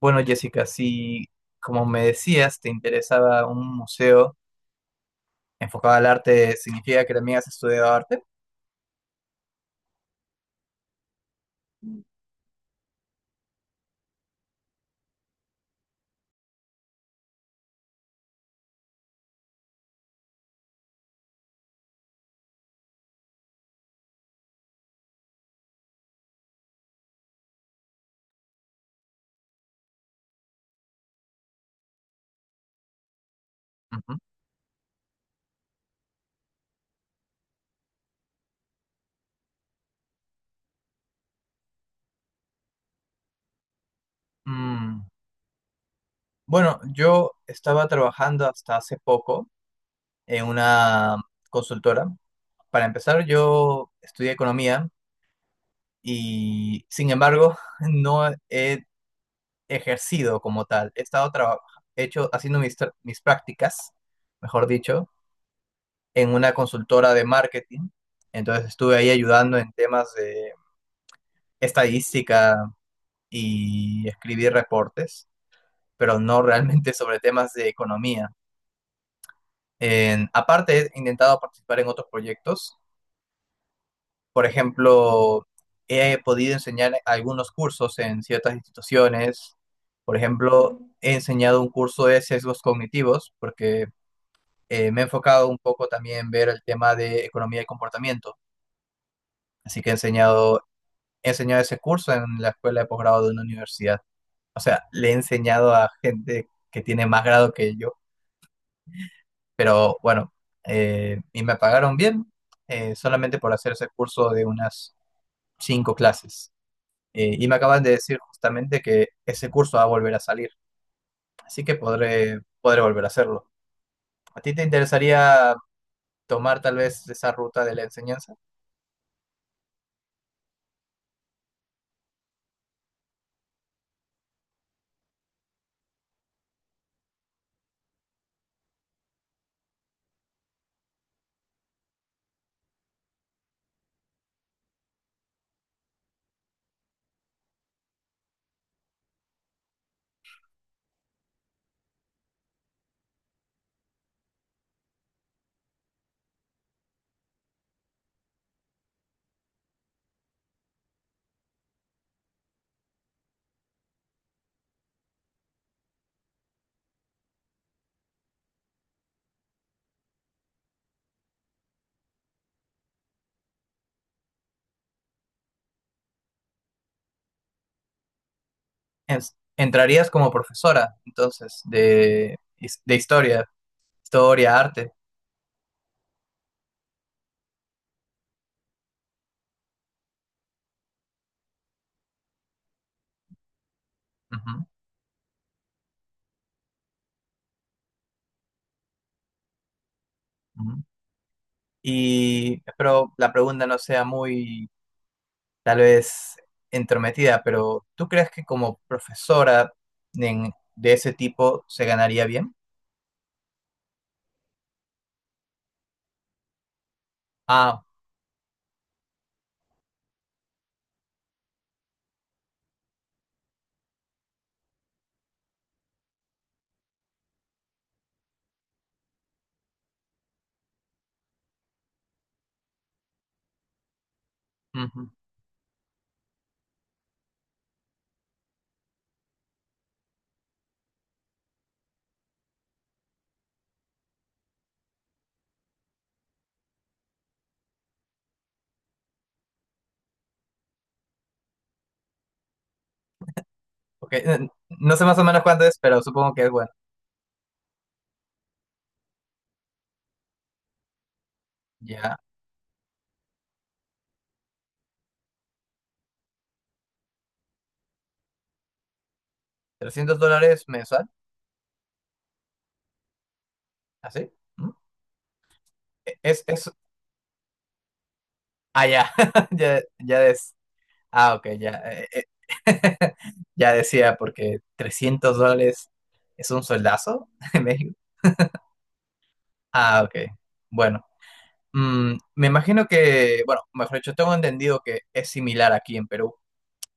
Bueno, Jessica, si como me decías, te interesaba un museo enfocado al arte, ¿significa que también has estudiado arte? Ujú. Mm, Bueno, yo estaba trabajando hasta hace poco en una consultora. Para empezar, yo estudié economía y, sin embargo, no he ejercido como tal. He estado haciendo mis prácticas, mejor dicho, en una consultora de marketing. Entonces estuve ahí ayudando en temas de estadística y escribir reportes, pero no realmente sobre temas de economía. Aparte, he intentado participar en otros proyectos. Por ejemplo, he podido enseñar algunos cursos en ciertas instituciones. Por ejemplo, he enseñado un curso de sesgos cognitivos porque me he enfocado un poco también en ver el tema de economía y comportamiento. Así que he enseñado ese curso en la escuela de posgrado de una universidad. O sea, le he enseñado a gente que tiene más grado que yo, pero bueno, y me pagaron bien, solamente por hacer ese curso de unas cinco clases. Y me acaban de decir justamente que ese curso va a volver a salir, así que podré volver a hacerlo. ¿A ti te interesaría tomar tal vez esa ruta de la enseñanza? En- ¿Entrarías como profesora, entonces, de, de historia, arte? Ujú, ujú. Y espero la pregunta no sea muy tal vez entrometida, pero ¿tú crees que como profesora, de ese tipo, se ganaría bien? Ah, ujú, ok. No sé más o menos cuánto es, pero supongo que es bueno. Ya, $300 mensual, ¿así? ¿Mm? E- Es, es, ah, ya, ya es, ah, ok, ya. Ya decía, porque $300 es un soldazo en México. Ah, ok, bueno. Me imagino que, bueno, mejor dicho, tengo entendido que es similar aquí en Perú,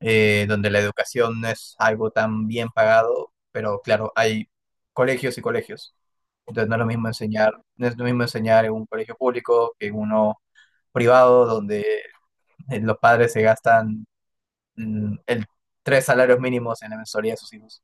donde la educación no es algo tan bien pagado, pero claro, hay colegios y colegios. Entonces no es lo mismo enseñar, no es lo mismo enseñar en un colegio público que en uno privado, donde los padres se gastan, mm, el tres salarios mínimos en la mensualidad de sus hijos.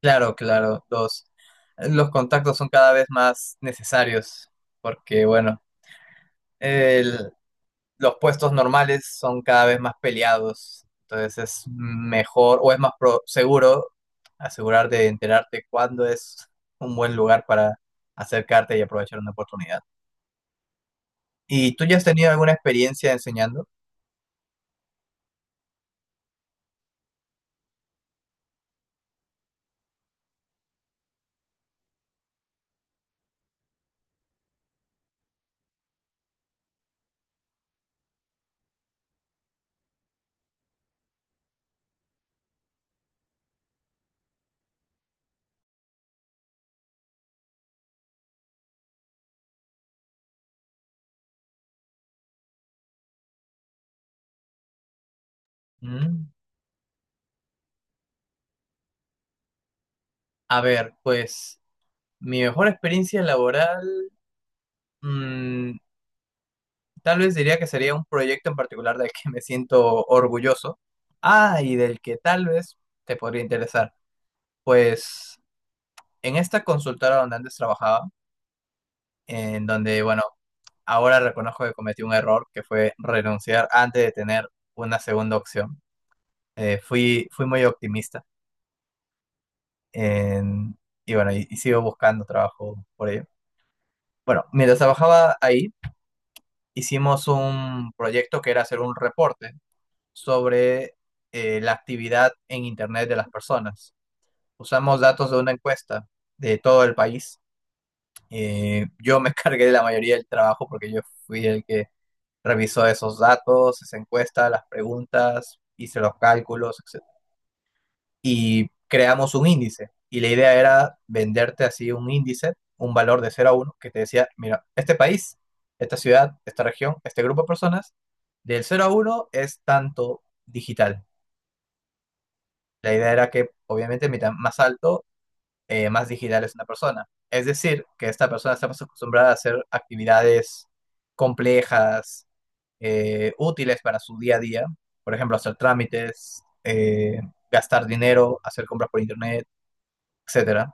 Claro, claro, los contactos son cada vez más necesarios, porque bueno, el, los puestos normales son cada vez más peleados, entonces es mejor o es más seguro asegurarte de enterarte cuándo es un buen lugar para acercarte y aprovechar una oportunidad. ¿Y tú ya has tenido alguna experiencia enseñando? Mm, A ver, pues mi mejor experiencia laboral, mm, tal vez diría que sería un proyecto en particular del que me siento orgulloso. Ah, y del que tal vez te podría interesar. Pues en esta consultora donde antes trabajaba, en donde, bueno, ahora reconozco que cometí un error que fue renunciar antes de tener una segunda opción. Fui muy optimista, en- y bueno, y sigo buscando trabajo por ello. Bueno, mientras trabajaba ahí, hicimos un proyecto que era hacer un reporte sobre, la actividad en Internet de las personas. Usamos datos de una encuesta de todo el país. Yo me cargué de la mayoría del trabajo porque yo fui el que revisó esos datos, esa encuesta, las preguntas, hice los cálculos, etcétera. Y creamos un índice. Y la idea era venderte así un índice, un valor de cero a uno, que te decía, mira, este país, esta ciudad, esta región, este grupo de personas, del cero a uno es tanto digital. La idea era que, obviamente, mientras más alto, más digital es una persona. Es decir, que esta persona está más acostumbrada a hacer actividades complejas, útiles para su día a día, por ejemplo, hacer trámites, gastar dinero, hacer compras por internet, etcétera,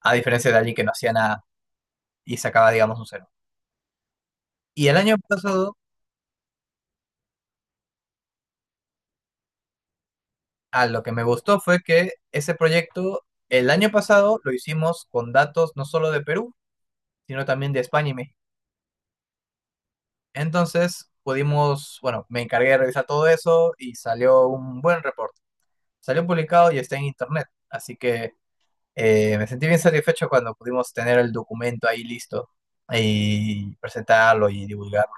a diferencia de alguien que no hacía nada y sacaba, digamos, un cero. Y el año pasado, a lo que me gustó fue que ese proyecto, el año pasado, lo hicimos con datos no solo de Perú, sino también de España y México. Entonces pudimos, bueno, me encargué de revisar todo eso y salió un buen reporte. Salió publicado y está en internet, así que me sentí bien satisfecho cuando pudimos tener el documento ahí listo y presentarlo y divulgarlo.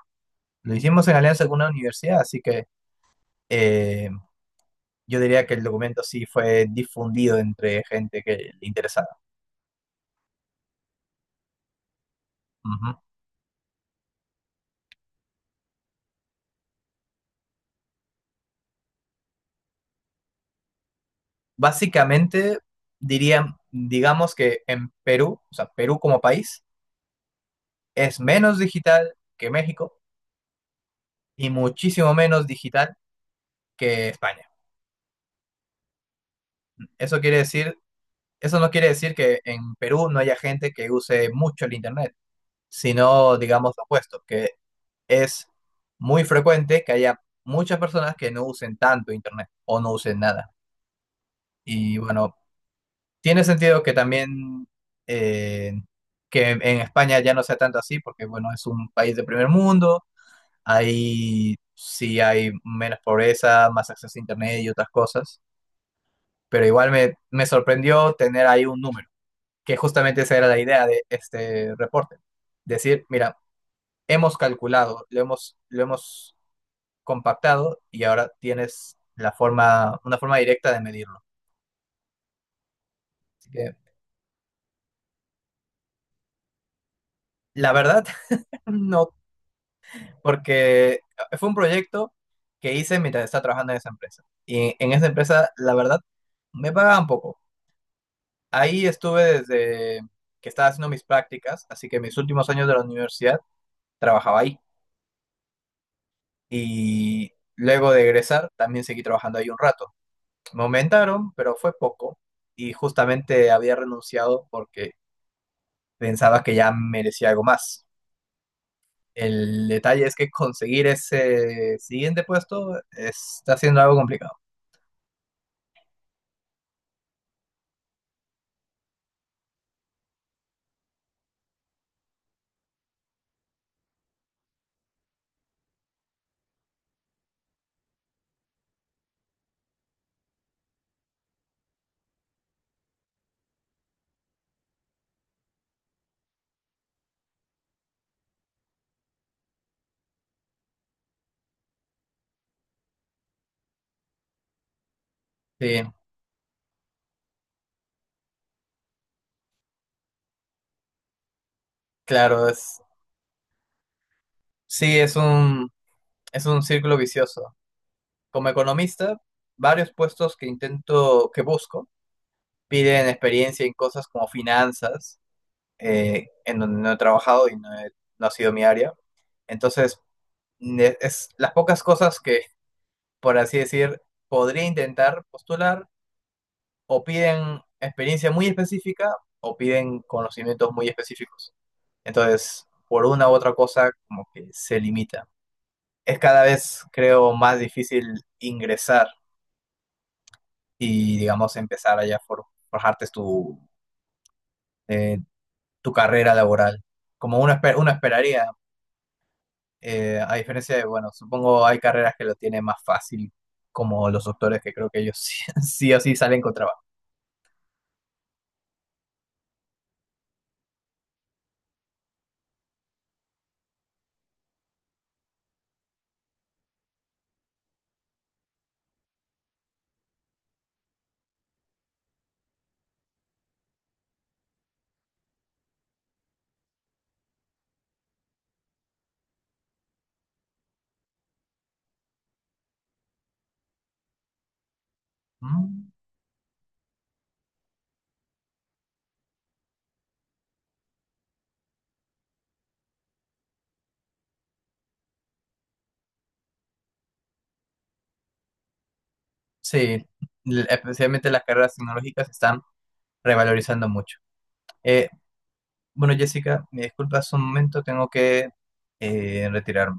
Lo hicimos en alianza con una universidad, así que eh, yo diría que el documento sí fue difundido entre gente que le interesaba. Ujú. Básicamente, diría, digamos que en Perú, o sea, Perú como país, es menos digital que México y muchísimo menos digital que España. Eso quiere decir, eso no quiere decir que en Perú no haya gente que use mucho el Internet, sino digamos lo opuesto, que es muy frecuente que haya muchas personas que no usen tanto internet o no usen nada. Y bueno, tiene sentido que también, eh, que en España ya no sea tanto así, porque bueno, es un país de primer mundo, ahí sí hay menos pobreza, más acceso a internet y otras cosas, pero igual me sorprendió tener ahí un número, que justamente esa era la idea de este reporte. Decir, mira, hemos calculado, lo hemos compactado y ahora tienes la forma, una forma directa de medirlo. Así que, la verdad, no, porque fue un proyecto que hice mientras estaba trabajando en esa empresa. Y en esa empresa, la verdad, me pagaban poco. Ahí estuve desde que estaba haciendo mis prácticas, así que mis últimos años de la universidad trabajaba ahí. Y luego de egresar, también seguí trabajando ahí un rato. Me aumentaron, pero fue poco. Y justamente había renunciado porque pensaba que ya merecía algo más. El detalle es que conseguir ese siguiente puesto está siendo algo complicado. Sí, claro, sí, es un círculo vicioso. Como economista, varios puestos que intento, que busco, piden experiencia en cosas como finanzas, en donde no he trabajado y no ha sido mi área. Entonces, es las pocas cosas que, por así decir, podría intentar postular, o piden experiencia muy específica o piden conocimientos muy específicos. Entonces, por una u otra cosa, como que se limita. Es cada vez, creo, más difícil ingresar y, digamos, empezar allá a forjarte eh, tu carrera laboral. Como uno esperaría, a diferencia de, bueno, supongo hay carreras que lo tienen más fácil, como los doctores, que creo que ellos sí, sí o sí salen con trabajo. Mm, sí, especialmente las carreras tecnológicas se están revalorizando mucho. Eh, bueno, Jessica, me disculpas un momento, tengo que retirarme.